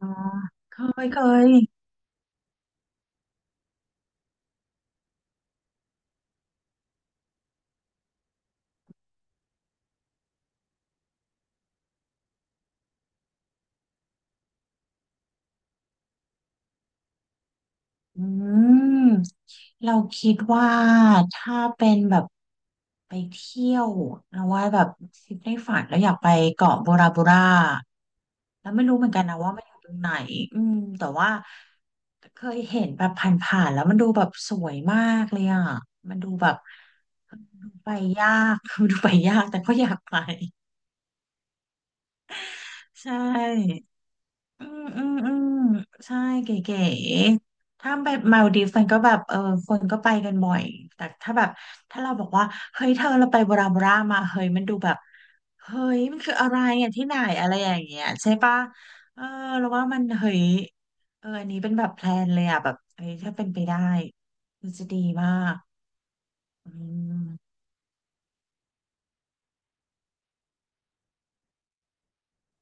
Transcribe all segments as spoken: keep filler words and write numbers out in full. อ๋อเคยเคยอืมเราคิดว่าถ้าเป็นแบบไปเที่ยวเราว่าแบบคิดในฝันแล้วอยากไปเกาะโบราโบราแล้วไม่รู้เหมือนกันนะว่ามันอยู่ตรงไหนอืมแต่ว่าเคยเห็นแบบผ่านๆแล้วมันดูแบบสวยมากเลยอ่ะมันดูแบบดูไปยาก ดูไปยากแต่ก็อยากไปใช่ อืมอืมอืมใช่เก๋ๆถ้าไปมาลดีฟส์มันก็แบบเออคนก็ไปกันบ่อยแต่ถ้าแบบถ้าเราบอกว่าเฮ้ยเธอเราไปบราบรามาเฮ้ยมันดูแบบเฮ้ยมันคืออะไรอ่ะที่ไหนอะไรอย่างเงี้ยใช่ปะเออเราว่ามันเฮ้ยเอออันนี้เป็นแบบแพลนเลยอ่ะแบบเฮ้ยถ้าเป็นไปได้มันจะดีมากอื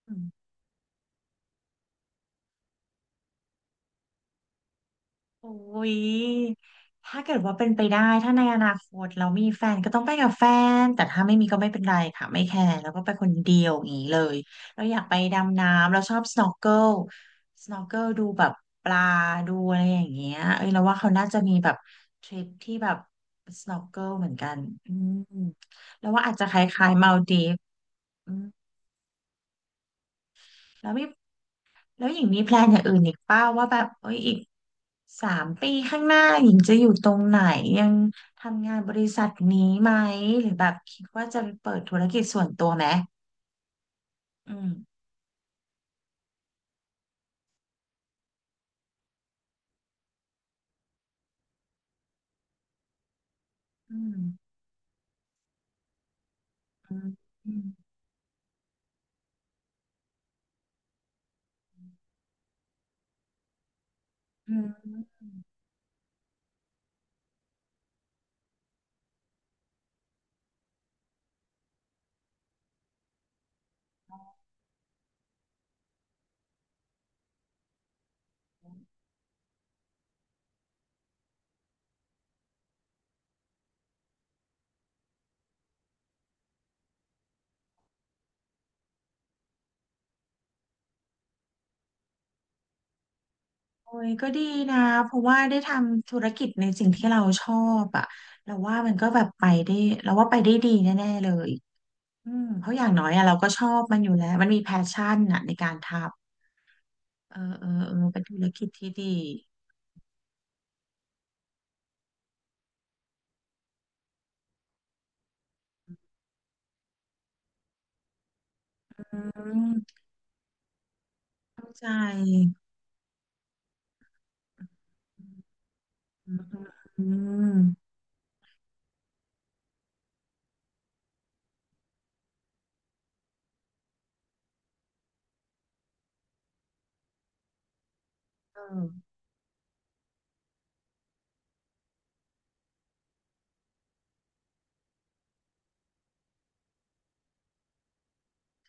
ม โอ้ยถ้าเกิดว่าเป็นไปได้ถ้าในอนาคตเรามีแฟนก็ต้องไปกับแฟน แต่ถ้าไม่มีก็ไม่เป็นไรค่ะ ไม่แคร์แล้วก็ไปคนเดียวอย่างนี้เลย เราอยากไปดำน้ำ เราชอบ snorkel snorkel ดูแบบปลาดูอะไรอย่างเงี้ยเอ้ยเราว่าเขาน่าจะมีแบบทริปที่แบบ snorkel เหมือนกันอืมแล้วว่าอาจจะคล้ายๆมาลดีฟอืมแล้วมี แล้วหญิงมีแพลนอย่างอื่นอีกเปล่าว่าแบบเอ้ยอีกสามปีข้างหน้าหญิงจะอยู่ตรงไหนยังทำงานบริษัทนี้ไหมหรือแบบคิดว่าจะเปิดธุรกิจส่วนตัวไหมอืมอืมอืมอืมอืมโอ้ยก็ดีนะเพราะว่าได้ทำธุรกิจในสิ่งที่เราชอบอ่ะเราว่ามันก็แบบไปได้เราว่าไปได้ดีแน่ๆเลยอืมเพราะอย่างน้อยอะเราก็ชอบมันอยู่แล้วมันมีแพชชั่นอะในการทำเออเออเออเป็นธุรกิจที่ดี อืมเข้าใจอืมอืมเออ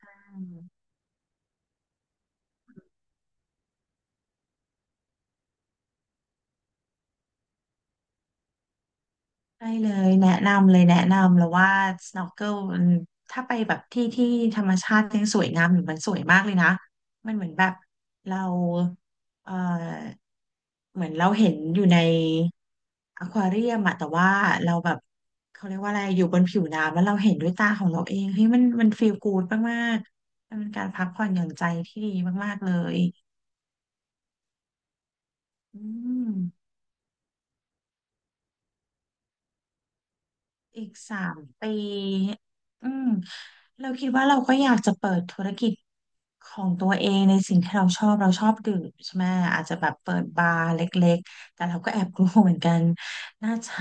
ใช่ใช่เลยแนะนำเลยแนะนำแล้วว่า snorkel มันถ้าไปแบบที่ที่ธรรมชาติยังสวยงามอยู่มันสวยมากเลยนะ มันเหมือนแบบเราเออเหมือนเราเห็นอยู่ในอควาเรียมอะแต่ว่าเราแบบเขาเรียกว่าอะไรอยู่บนผิวน้ำแล้วเราเห็นด้วยตาของเราเองเฮ้ยมันมันฟีลกู๊ดมากๆมันเป็นการพักผ่อนหย่อนใจที่ดีมากๆเลยอืม อีกสามปี อืม เราคิดว่าเราก็อยากจะเปิดธุรกิจของตัวเองในสิ่งที่เราชอบเราชอบดื่มใช่ไหมอาจจะแบบเปิดบาร์เล็กๆแต่เราก็แอบกลัวเหมือนกันน่าจะ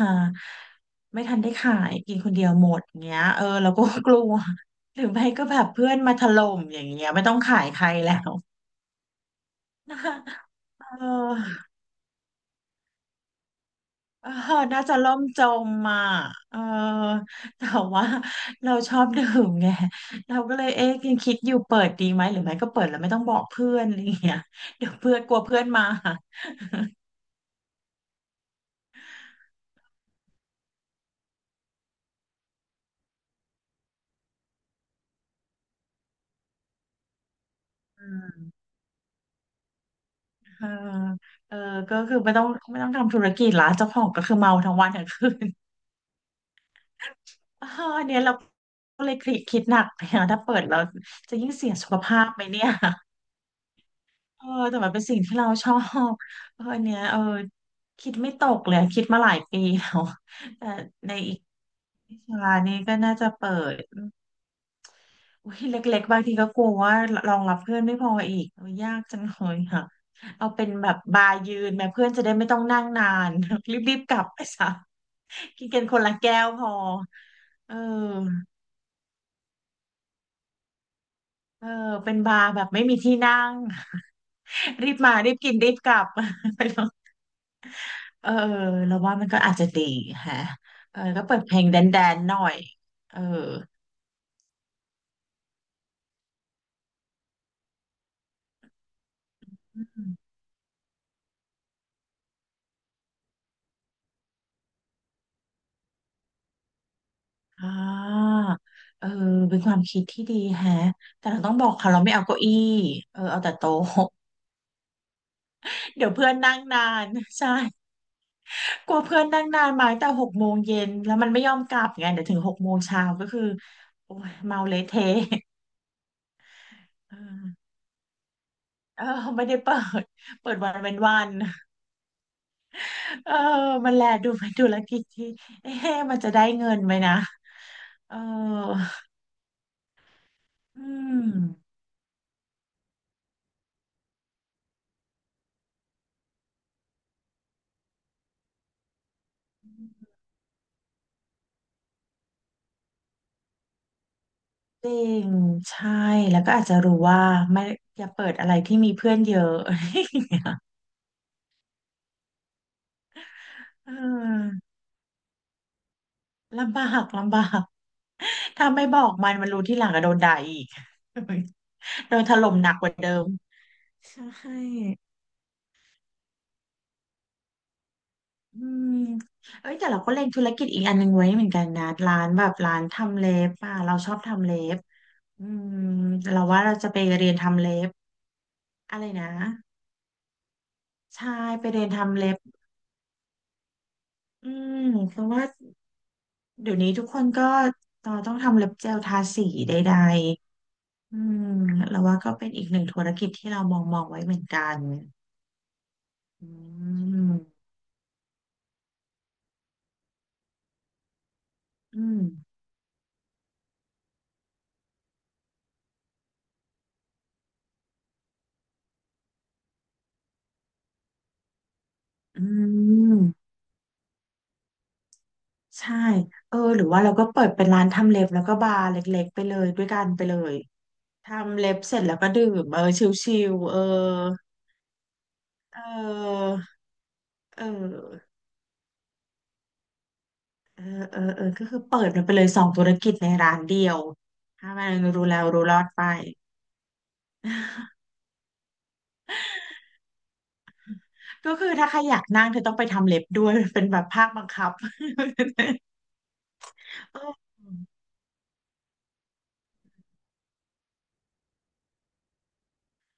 ไม่ทันได้ขายกินคนเดียวหมดเงี้ยเออเราก็กลัว หรือไม่ก็แบบเพื่อนมาถล่มอย่างเงี้ยไม่ต้องขายใครแล้ว เออ เออน่าจะล่มจมอ่ะเออ แต่ว่าเราชอบดื่มไง เราก็เลยเอ๊ะยังคิดอยู่เปิดดีไหมหรือไม่ก็เปิดแล้วไม่ต้องบอกเพื่อนอะไรอย่างเงี้ย เดี๋ยวเพื่อนกลัวเพื่อนมาเออเออก็คือไม่ต้องไม่ต้องทำธุรกิจละเจ้าของก็คือเมาทั้งวันทั้งคืน เออเนี่ยเราก็เลยคิดคิดหนักเนี่ยถ้าเปิดเราจะยิ่งเสียสุขภาพไหมเนี่ย เออแต่มันเป็นสิ่งที่เราชอบเอออันเนี้ยเออคิดไม่ตกเลยคิดมาหลายปีแล้ว แต่ในอีกวิชานี้ก็น่าจะเปิดอุ้ยเล็กๆบางทีก็กลัวว่ารองรับเพื่อนไม่พออีกโอ้ยยากจังเลยค่ะเอาเป็นแบบบาร์ยืนแม่เพื่อนจะได้ไม่ต้องนั่งนาน รีบๆกลับไปซะกินกันคนละแก้วพอเออเออเป็นบาร์แบบไม่มีที่นั่ง รีบมารีบกินรีบกลับ ไป เออเราว่ามันก็อาจจะดีฮะเออก็เปิดเพลงแดนแดนหน่อยเอออืมอ่าเออเป็นความคิดที่ดีแฮะแต่เราต้องบอกเขาเราไม่เอาเก้าอี้เออเอาแต่โต๊ะ เดี๋ยวเพื่อนนั่งนาน ใช่กลัวเพื่อนนั่งนานมาตั้งแต่หกโมงเย็นแล้วมันไม่ยอมกลับไงเดี๋ยวถึงหกโมงเช้าก็คือโอ้ยเมาเละเทะ เออเออไม่ได้เปิดเปิดวันเว้นวัน เออมันแลดูเป็นธุรกิจที่เอ๊ะมันจะได้เงินไหมนะเอออืมจริงใช่แล้วก็อาจจะรู้ว่าไม่อย่าเปิดอะไรที่มีเพื่อนเยอะ เออลำบากลำบากถ้าไม่บอกมันมันรู้ที่หลังก็โดนด่าอีก โดนถล่มหนักกว่าเดิมใช่ อืมเอ้ยแต่เราก็เล็งธุรกิจอีกอันหนึงไว้เหมือนกันนะร้านแบบร้านทำเล็บอ่ะเราชอบทำเล็บอืมเราว่าเราจะไปเรียนทำเล็บอะไรนะใช่ไปเรียนทำเล็บอืมเพราะว่าเดี๋ยวนี้ทุกคนก็ตอต้องทำเล็บเจลทาสีใดๆอืมเราว่าก็เป็นอีกหนึ่งธุรกิจที่เรามองมองไว้เหมือนกันอืมอืมอืม ใช่เออหรือว่าเราก็เปิดเป็นร้านทำเล็บแล้วก็บาร์เล็กๆไปเลยด้วยกันไปเลยทำเล็บเสร็จแล้วก็ดื่มเออชิลๆเออเออเออเออเออเออก็คือเปิดมันไปเลยสองธุรกิจในร้านเดียวถ้ามันรู้แล้วรู้รอดไป ก็คือถ้าใครอยากนั่งเธอต้องไปทำเล็บด้วยเป็นแบบภาคบังคับ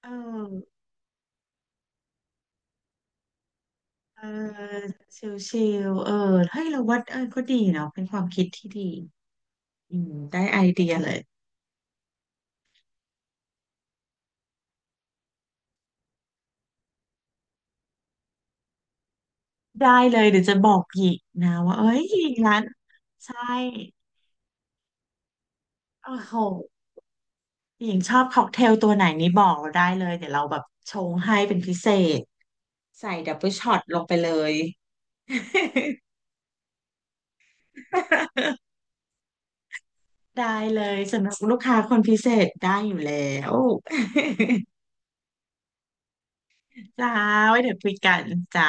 เออเออเออชิลๆเออเฮ้ยเราว่าเออก็ดีเนาะเป็นความคิดที่ดี อืมได้ไอเดียเลยได้เลยเดี๋ยวจะบอกหญิงนะว่าเอ้ยหญิงร้านใช่โอ้โหหญิงชอบค็อกเทลตัวไหนนี่บอกเราได้เลยเดี๋ยวเราแบบชงให้เป็นพิเศษใส่ดับเบิลช็อตลงไปเลย ได้เลยสำหรับลูกค้าคนพิเศษได้อยู่แล้ว จ้าไว้เดี๋ยวคุยกันจ้า